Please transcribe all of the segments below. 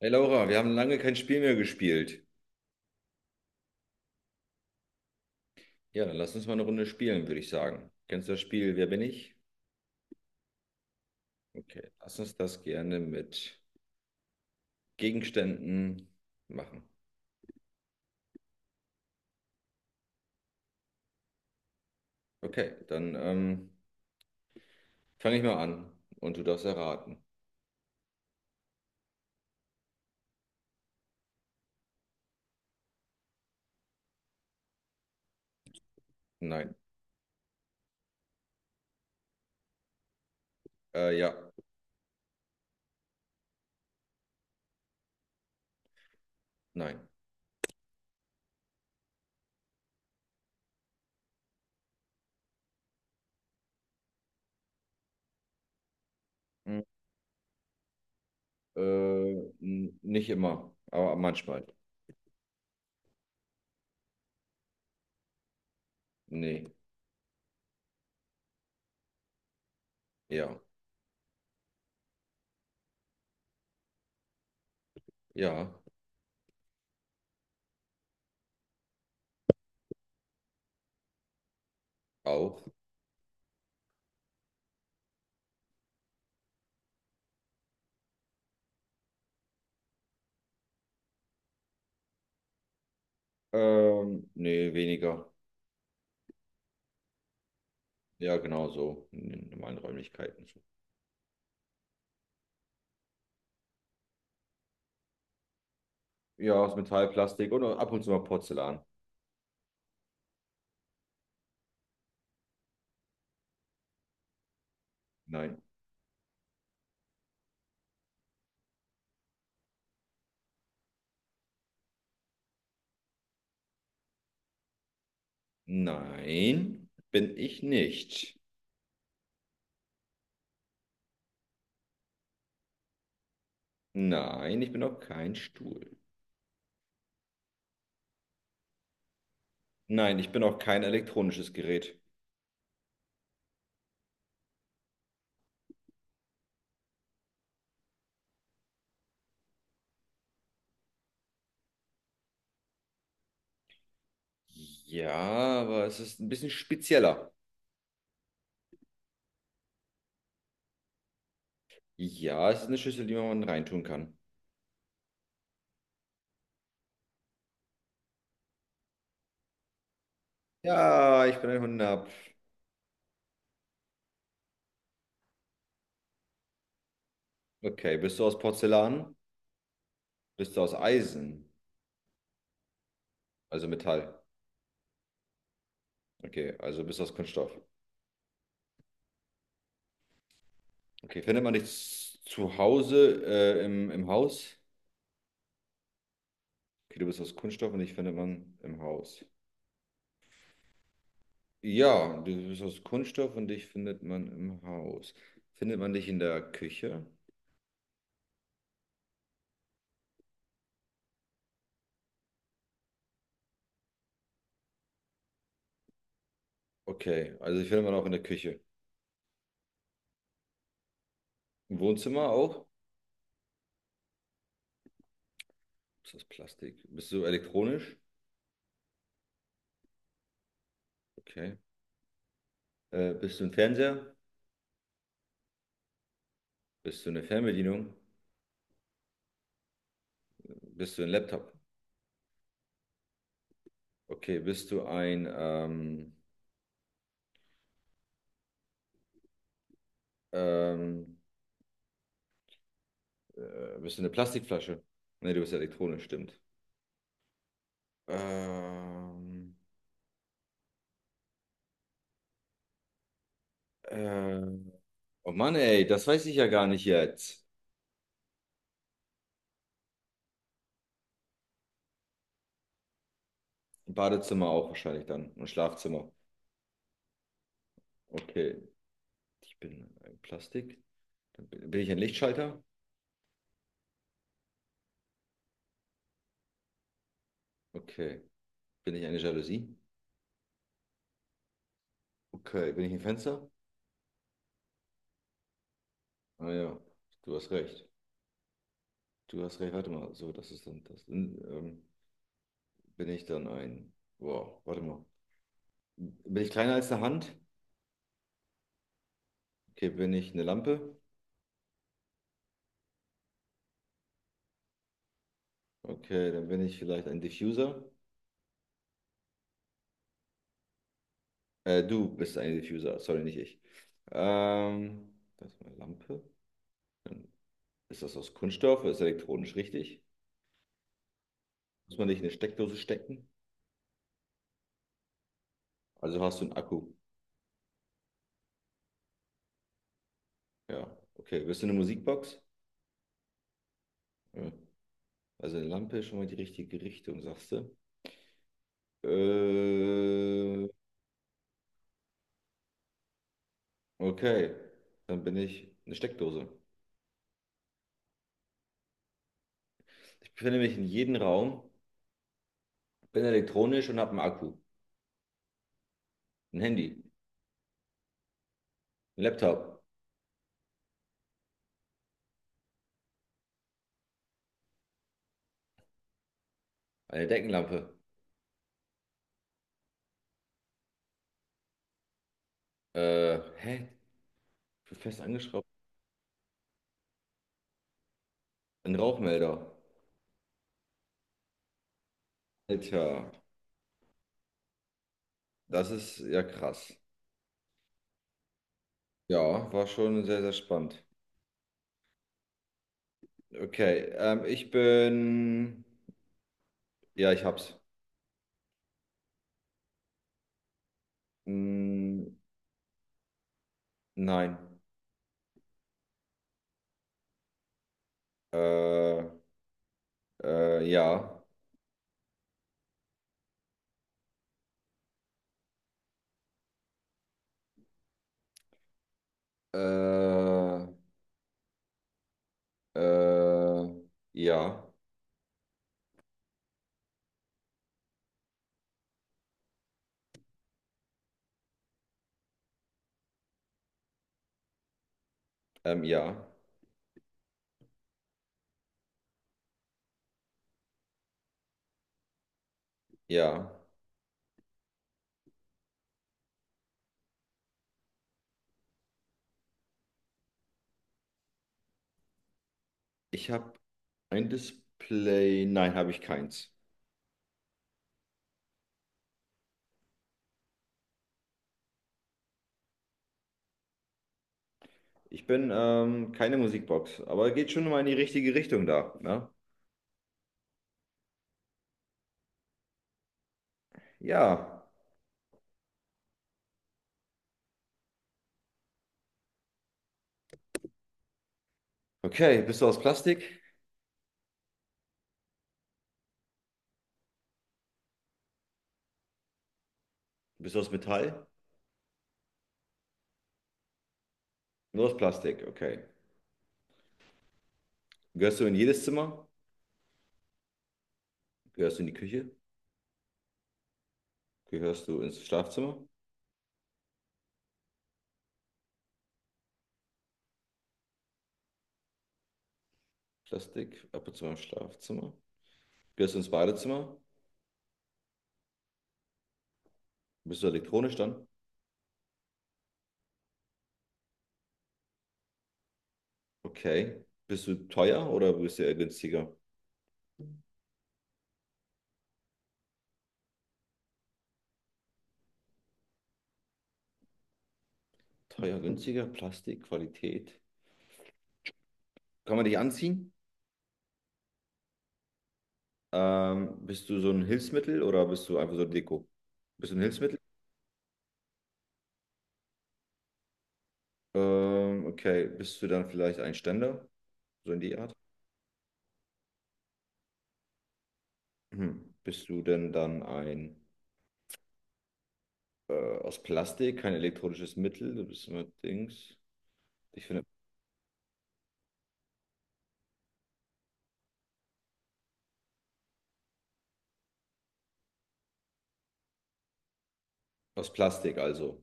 Hey Laura, wir haben lange kein Spiel mehr gespielt. Ja, dann lass uns mal eine Runde spielen, würde ich sagen. Kennst du das Spiel Wer bin ich? Okay, lass uns das gerne mit Gegenständen machen. Okay, dann fange ich mal an und du darfst erraten. Nein, ja, nein. Hm, Äh, Nicht immer, aber manchmal. Nee, ja, ja, auch. Nee, weniger. Ja, genau so. In den normalen Räumlichkeiten. Ja, aus Metall, Plastik und ab und zu mal Porzellan. Nein. Nein, bin ich nicht. Nein, ich bin auch kein Stuhl. Nein, ich bin auch kein elektronisches Gerät. Ja, aber es ist ein bisschen spezieller. Ja, es ist eine Schüssel, die man reintun kann. Ja, ich bin ein Hundab. Okay, bist du aus Porzellan? Bist du aus Eisen? Also Metall. Okay, also bist du aus Kunststoff. Okay, findet man dich zu Hause im, im Haus? Okay, du bist aus Kunststoff und dich findet man im Haus. Ja, du bist aus Kunststoff und dich findet man im Haus. Findet man dich in der Küche? Okay, also dich findet man auch in der Küche. Im Wohnzimmer auch? Ist das Plastik? Bist du elektronisch? Okay. Bist du ein Fernseher? Bist du eine Fernbedienung? Bist du ein Laptop? Okay, bist du ein, ähm, bist du eine Plastikflasche? Nee, du bist elektronisch, stimmt. Ähm, äh, oh Mann, ey, das weiß ich ja gar nicht jetzt. Badezimmer auch wahrscheinlich dann und Schlafzimmer. Okay, ich bin ein Plastik. Dann bin ich ein Lichtschalter? Okay. Bin ich eine Jalousie? Okay. Bin ich ein Fenster? Ah ja, du hast recht. Du hast recht. Warte mal. So, das ist dann das. Bin ich dann ein. Wow, warte mal. Bin ich kleiner als eine Hand? Okay, bin ich eine Lampe? Okay, dann bin ich vielleicht ein Diffuser. Du bist ein Diffuser, sorry, nicht ich. Das ist meine Lampe. Dann ist das aus Kunststoff, ist elektronisch richtig? Muss man nicht in eine Steckdose stecken? Also hast du einen Akku. Ja, okay. Willst du eine Musikbox? Ja. Also eine Lampe ist schon mal die richtige Richtung, sagst du. Äh, okay, dann bin ich eine Steckdose. Ich befinde mich in jedem Raum, bin elektronisch und habe einen Akku, ein Handy, einen Laptop, eine Deckenlampe. Hä? Ich bin fest angeschraubt. Ein Rauchmelder. Alter, das ist ja krass. Ja, war schon sehr, sehr spannend. Okay, ich bin Ja, ich hab's. Mm, nein. Äh, ja. Äh, äh, ja. Ja. Ja. Ich hab ein Display. Nein, habe ich keins. Ich bin keine Musikbox, aber geht schon mal in die richtige Richtung da. Ne? Ja. Okay. Bist du aus Plastik? Bist du aus Metall? Nur aus Plastik. Okay. Gehörst du in jedes Zimmer? Gehörst du in die Küche? Gehörst du ins Schlafzimmer? Plastik, ab und zu mal im Schlafzimmer. Gehst ins Badezimmer? Bist du elektronisch dann? Okay. Bist du teuer oder bist du eher günstiger? Teuer, günstiger, Plastik, Qualität. Kann man dich anziehen? Bist du so ein Hilfsmittel oder bist du einfach so ein Deko? Bist du ein Hilfsmittel? Okay. Bist du dann vielleicht ein Ständer? So in die Art? Hm. Bist du denn dann ein aus Plastik, kein elektronisches Mittel? Du bist immer Dings. Ich finde, aus Plastik also.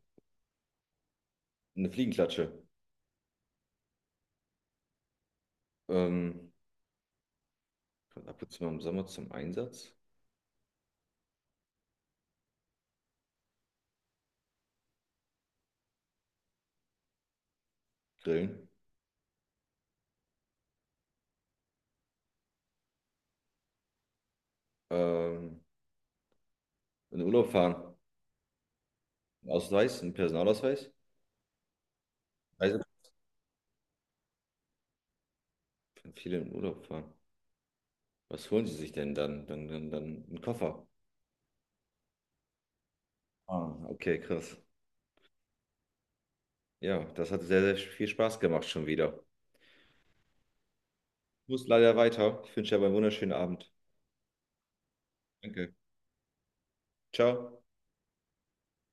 Eine Fliegenklatsche. Ähm, Kommt ab und zu mal im Sommer zum Einsatz. Grillen. Ähm, in den Urlaub fahren. Einen Ausweis, ein Personalausweis. Also viele in den Urlaub fahren. Was holen sie sich denn dann? Dann einen Koffer. Ah, okay, krass. Ja, das hat sehr, sehr viel Spaß gemacht schon wieder. Ich muss leider weiter. Ich wünsche dir aber einen wunderschönen Abend. Danke. Ciao.